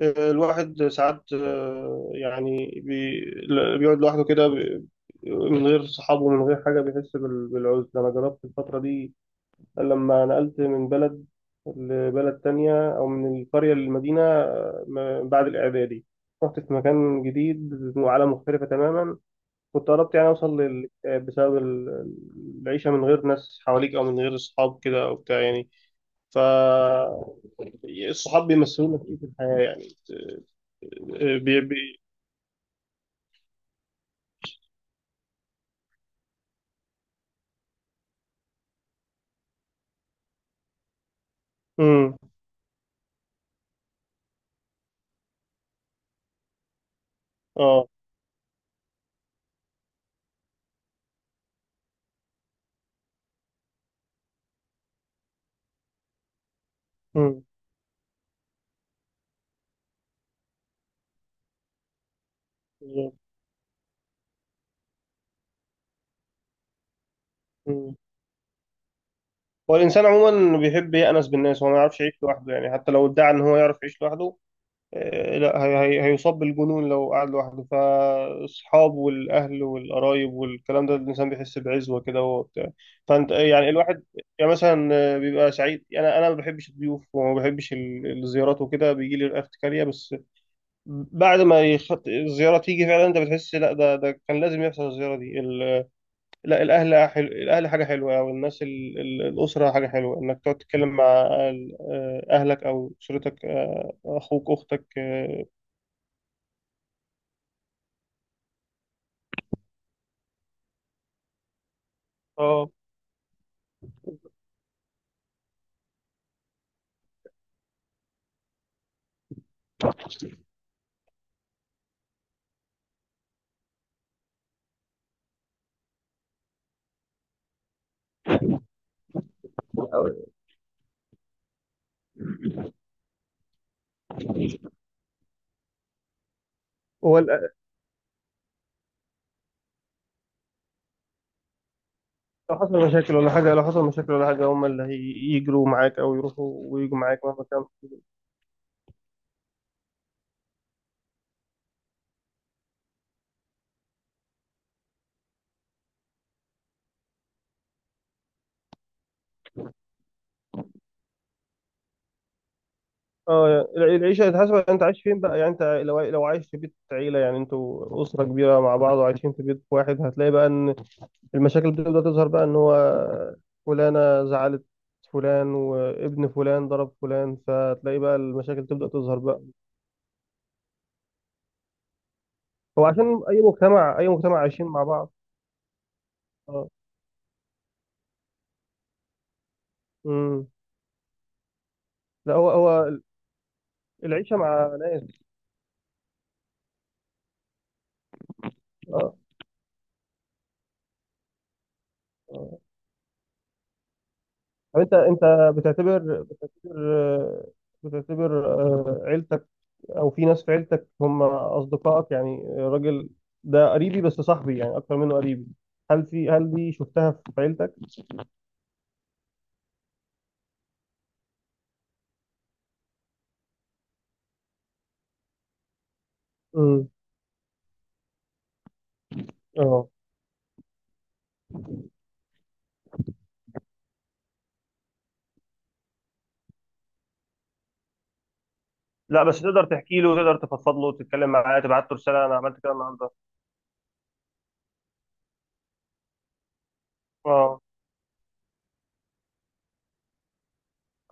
الواحد ساعات يعني بيقعد لوحده كده من غير صحابه ومن غير حاجة بيحس بالعزلة. أنا جربت الفترة دي لما نقلت من بلد لبلد تانية، أو من القرية للمدينة. بعد الإعدادي رحت في مكان جديد وعالم مختلفة تماما. كنت قربت يعني أوصل للاكتئاب بسبب العيشة من غير ناس حواليك، أو من غير صحاب كده أو بتاع يعني. ف الصحاب بيمثلوا لك إيه في الحياة يعني؟ بي بي امم، اه، امم، بالظبط. مم. هو الانسان عموما بيحب يأنس بالناس، هو ما يعرفش يعيش لوحده يعني، حتى لو ادعى ان هو يعرف يعيش لوحده. لا، هي هي هيصاب بالجنون لو قعد لوحده. فاصحابه والاهل والقرايب والكلام ده، الانسان بيحس بعزوه كده وهو بتاع. فانت يعني الواحد يعني مثلا بيبقى سعيد. انا ما بحبش الضيوف وما بحبش الزيارات وكده، بيجي لي الارتكاليه. بس بعد ما يخط... الزيارة تيجي فعلا، انت بتحس لا، ده كان لازم يحصل الزيارة دي. لا، الاهل حلو، الاهل حاجه حلوه، او الناس ال... الاسره حاجه حلوه انك تقعد تتكلم مع اهلك او اسرتك، اخوك اختك، اه. آه. هو لو حصل مشاكل ولا حاجه، هم اللي يجروا معاك او يروحوا ويجوا معاك مهما كان. اه، يعني العيشه حسب انت عايش فين بقى يعني. انت لو عايش في بيت عيله، يعني انتوا اسره كبيره مع بعض وعايشين في بيت واحد، هتلاقي بقى ان المشاكل بتبدأ تظهر بقى، ان هو فلانة زعلت، فلان وابن فلان ضرب فلان، فتلاقي بقى المشاكل تبدأ تظهر بقى. هو عشان اي مجتمع، عايشين مع بعض. اه، امم. لا هو هو العيشة مع ناس. اه. طب انت، بتعتبر، عيلتك او في ناس في عيلتك هم اصدقائك؟ يعني الراجل ده قريبي، بس صاحبي يعني اكتر منه قريبي. هل في، هل دي شفتها في عيلتك؟ امم، اه. لا بس تقدر تحكي له، تقدر تفضفض له، تتكلم معاه، تبعت له رساله انا عملت كده النهارده. اه.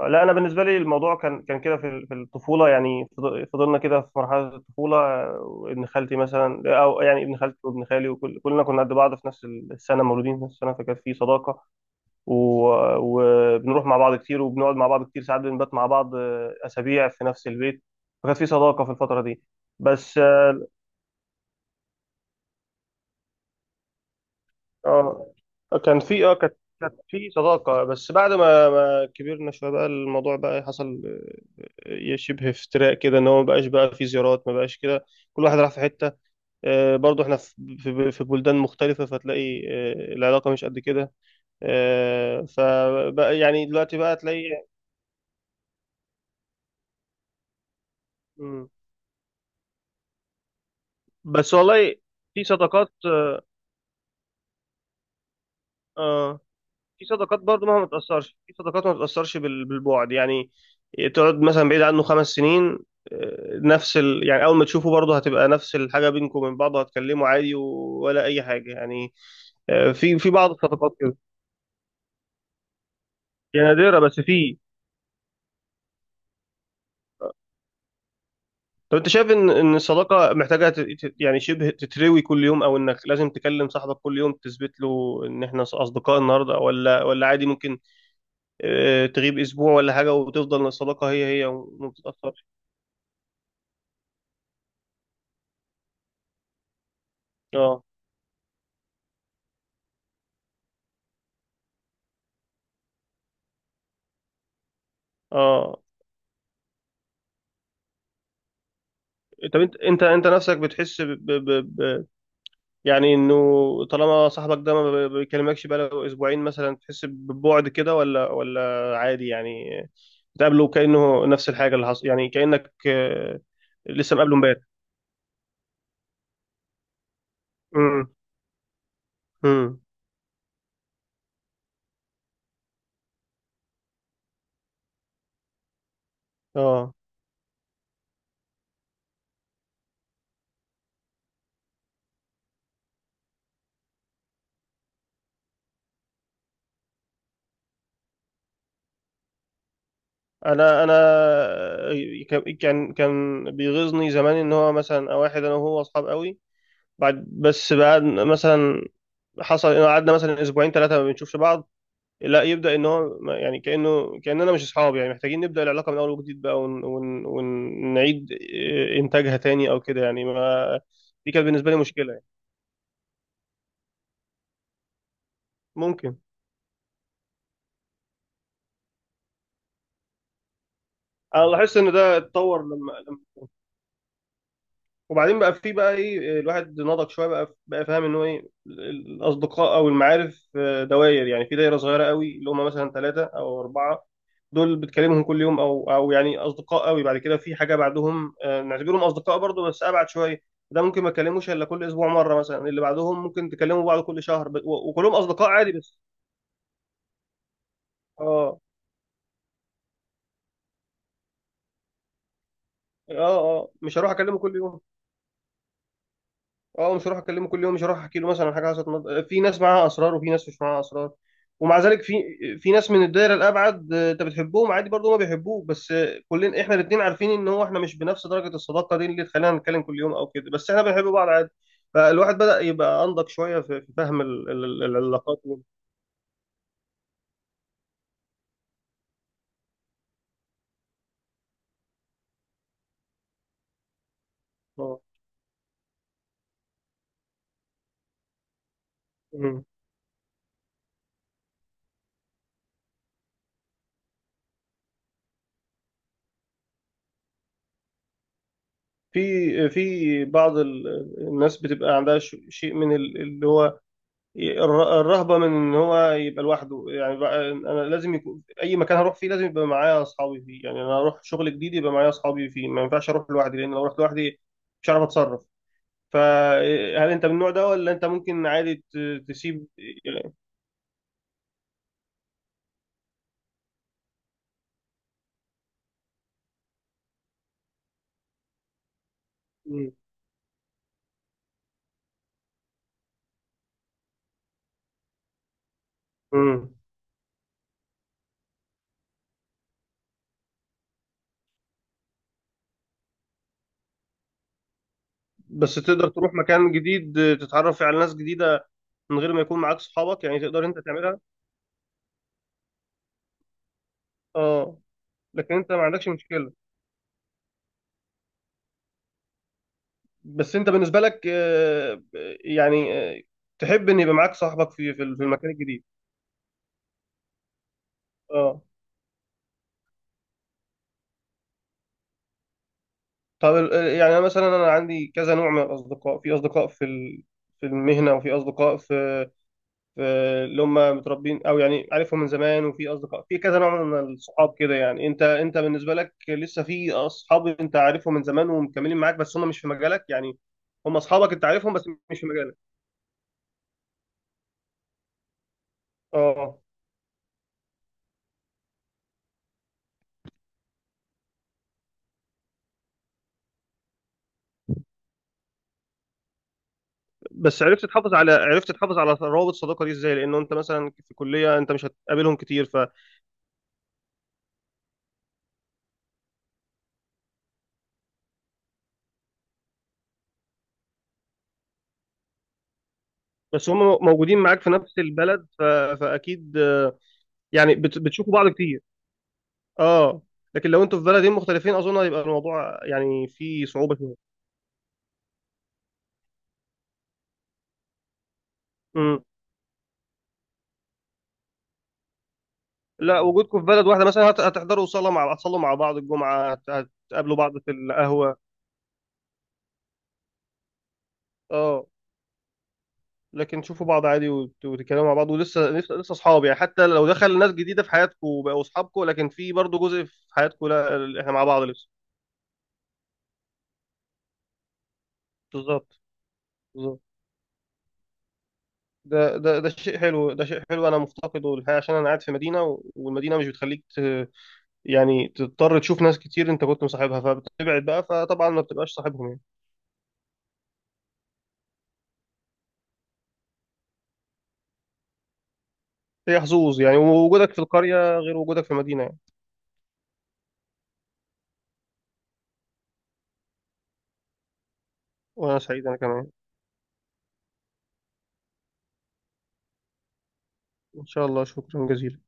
لا، انا بالنسبه لي الموضوع كان كده في في الطفوله يعني. فضلنا كده في مرحله الطفوله. ابن خالتي مثلا، او يعني ابن خالتي وابن خالي وكل كلنا كنا قد بعض في نفس السنه، مولودين في نفس السنه، فكانت في صداقه. و... وبنروح مع بعض كتير وبنقعد مع بعض كتير، ساعات بنبات مع بعض اسابيع في نفس البيت. فكانت في صداقه في الفتره دي. بس، اه، آه، كان في اه كانت كانت في صداقة. بس بعد ما كبرنا شوية بقى، الموضوع بقى حصل شبه افتراء كده، ان هو ما بقاش بقى في زيارات، ما بقاش كده. كل واحد راح في حتة. برضو احنا في في بلدان مختلفة، فتلاقي العلاقة مش قد كده. فبقى يعني دلوقتي بقى تلاقي. مم. بس والله في صداقات، اه في صداقات برضو مهما تأثرش، في صداقات ما بتأثرش بالبعد يعني. تقعد مثلا بعيد عنه خمس سنين، نفس ال... يعني أول ما تشوفه برضه هتبقى نفس الحاجة بينكم وبين بعض، هتكلموا عادي ولا أي حاجة يعني. في في بعض الصداقات كده يعني، نادرة بس في. طب أنت شايف إن الصداقة محتاجة ت... يعني شبه تتروي كل يوم، أو إنك لازم تكلم صاحبك كل يوم تثبت له إن إحنا أصدقاء النهاردة؟ ولا عادي ممكن تغيب أسبوع ولا حاجة وتفضل الصداقة هي هي وما بتتأثرش؟ أه، اه. طب انت، انت نفسك بتحس ب... ب... ب... ب- يعني انه طالما صاحبك ده ما بيكلمكش بقاله اسبوعين مثلا، تحس ببعد كده؟ ولا عادي يعني، بتقابله كأنه نفس الحاجة اللي حصل، يعني كأنك لسه مقابله امبارح. امم، امم، اه. انا انا ك- كان كان بيغيظني زمان ان هو مثلا، او واحد انا وهو اصحاب قوي، بعد، بس بعد مثلا حصل انه قعدنا مثلا اسبوعين ثلاثة ما بنشوفش بعض، لا يبدأ ان هو يعني كأنه كأننا مش اصحاب يعني، محتاجين نبدأ العلاقة من اول وجديد بقى، ون... ون... ونعيد إيه، انتاجها تاني او كده يعني. ما دي كانت بالنسبة لي مشكلة يعني. ممكن، انا لاحظت ان ده اتطور لما وبعدين بقى، في بقى ايه، الواحد نضج شويه بقى، بقى فاهم ان هو ايه، الاصدقاء او المعارف دوائر يعني. في دايره صغيره قوي اللي هم مثلا ثلاثه او اربعه، دول بتكلمهم كل يوم او او يعني اصدقاء قوي. بعد كده في حاجه بعدهم نعتبرهم اصدقاء برضو بس ابعد شويه. ده ممكن ما تكلموش الا كل اسبوع مره مثلا. اللي بعدهم ممكن تكلموا بعض كل شهر وكلهم اصدقاء عادي بس. اه، اه، اه، مش هروح اكلمه كل يوم. اه مش هروح اكلمه كل يوم، مش هروح احكي له مثلا حاجه حصلت. في ناس معاها اسرار وفي ناس مش معاها اسرار. ومع ذلك في، في ناس من الدايره الابعد، انت بتحبهم عادي برضه ما بيحبوك، بس كلنا احنا الاثنين عارفين ان هو احنا مش بنفس درجه الصداقه دي اللي تخلينا نتكلم كل يوم او كده، بس احنا بنحب بعض عادي. فالواحد بدا يبقى انضج شويه في في فهم العلاقات اه. مم. في في بعض الناس بتبقى عندها شيء من اللي هو الرهبة من ان هو يبقى لوحده. يعني بقى انا لازم يكون اي مكان هروح فيه لازم يبقى معايا اصحابي فيه. يعني انا هروح شغل جديد يبقى معايا اصحابي فيه، ما ينفعش اروح لوحدي، لان لو رحت لوحدي مش هعرف اتصرف. فهل انت من النوع ده؟ ولا انت ممكن عادي تسيب يعني؟ مم. مم. بس تقدر تروح مكان جديد تتعرف فيه على ناس جديدة من غير ما يكون معاك صحابك؟ يعني تقدر انت تعملها؟ اه. لكن انت ما عندكش مشكلة؟ بس انت بالنسبه لك يعني آه، تحب ان يبقى معاك صاحبك في في المكان الجديد؟ اه. طب يعني انا مثلا انا عندي كذا نوع من الاصدقاء. في اصدقاء في في المهنه، وفي اصدقاء في، في اللي هم متربين او يعني عارفهم من زمان، وفي اصدقاء في كذا نوع من الصحاب كده. يعني انت، بالنسبه لك لسه في اصحاب انت عارفهم من زمان ومكملين معاك، بس هم مش في مجالك يعني، هم اصحابك انت عارفهم بس مش في مجالك؟ اه. بس عرفت تحافظ على، عرفت تحافظ على روابط الصداقه دي ازاي؟ لانه انت مثلا في كليه انت مش هتقابلهم كتير، ف بس هم موجودين معاك في نفس البلد ف... فاكيد يعني بت... بتشوفوا بعض كتير. اه. لكن لو انتوا في بلدين مختلفين اظن هيبقى الموضوع يعني فيه صعوبه شويه. امم. لا وجودكم في بلد واحده مثلا هت... هتحضروا صلاه مع، هتصلوا مع بعض الجمعه، هت... هتقابلوا بعض في القهوه. اه. لكن تشوفوا بعض عادي وتتكلموا مع بعض، ولسه لسه لسه اصحاب يعني، حتى لو دخل ناس جديده في حياتكم وبقوا اصحابكم، لكن في برضه جزء في حياتكم لا احنا مع بعض لسه. بالظبط، بالظبط. ده شيء حلو، ده شيء حلو، انا مفتقده الحقيقه، عشان انا قاعد في مدينه والمدينه مش بتخليك ت... يعني تضطر تشوف ناس كتير انت كنت مصاحبها، فبتبعد بقى، فطبعا ما بتبقاش صاحبهم يعني. هي حظوظ يعني، ووجودك في القريه غير وجودك في المدينه يعني. وانا سعيد، انا كمان. ان شاء الله، شكرا جزيلا.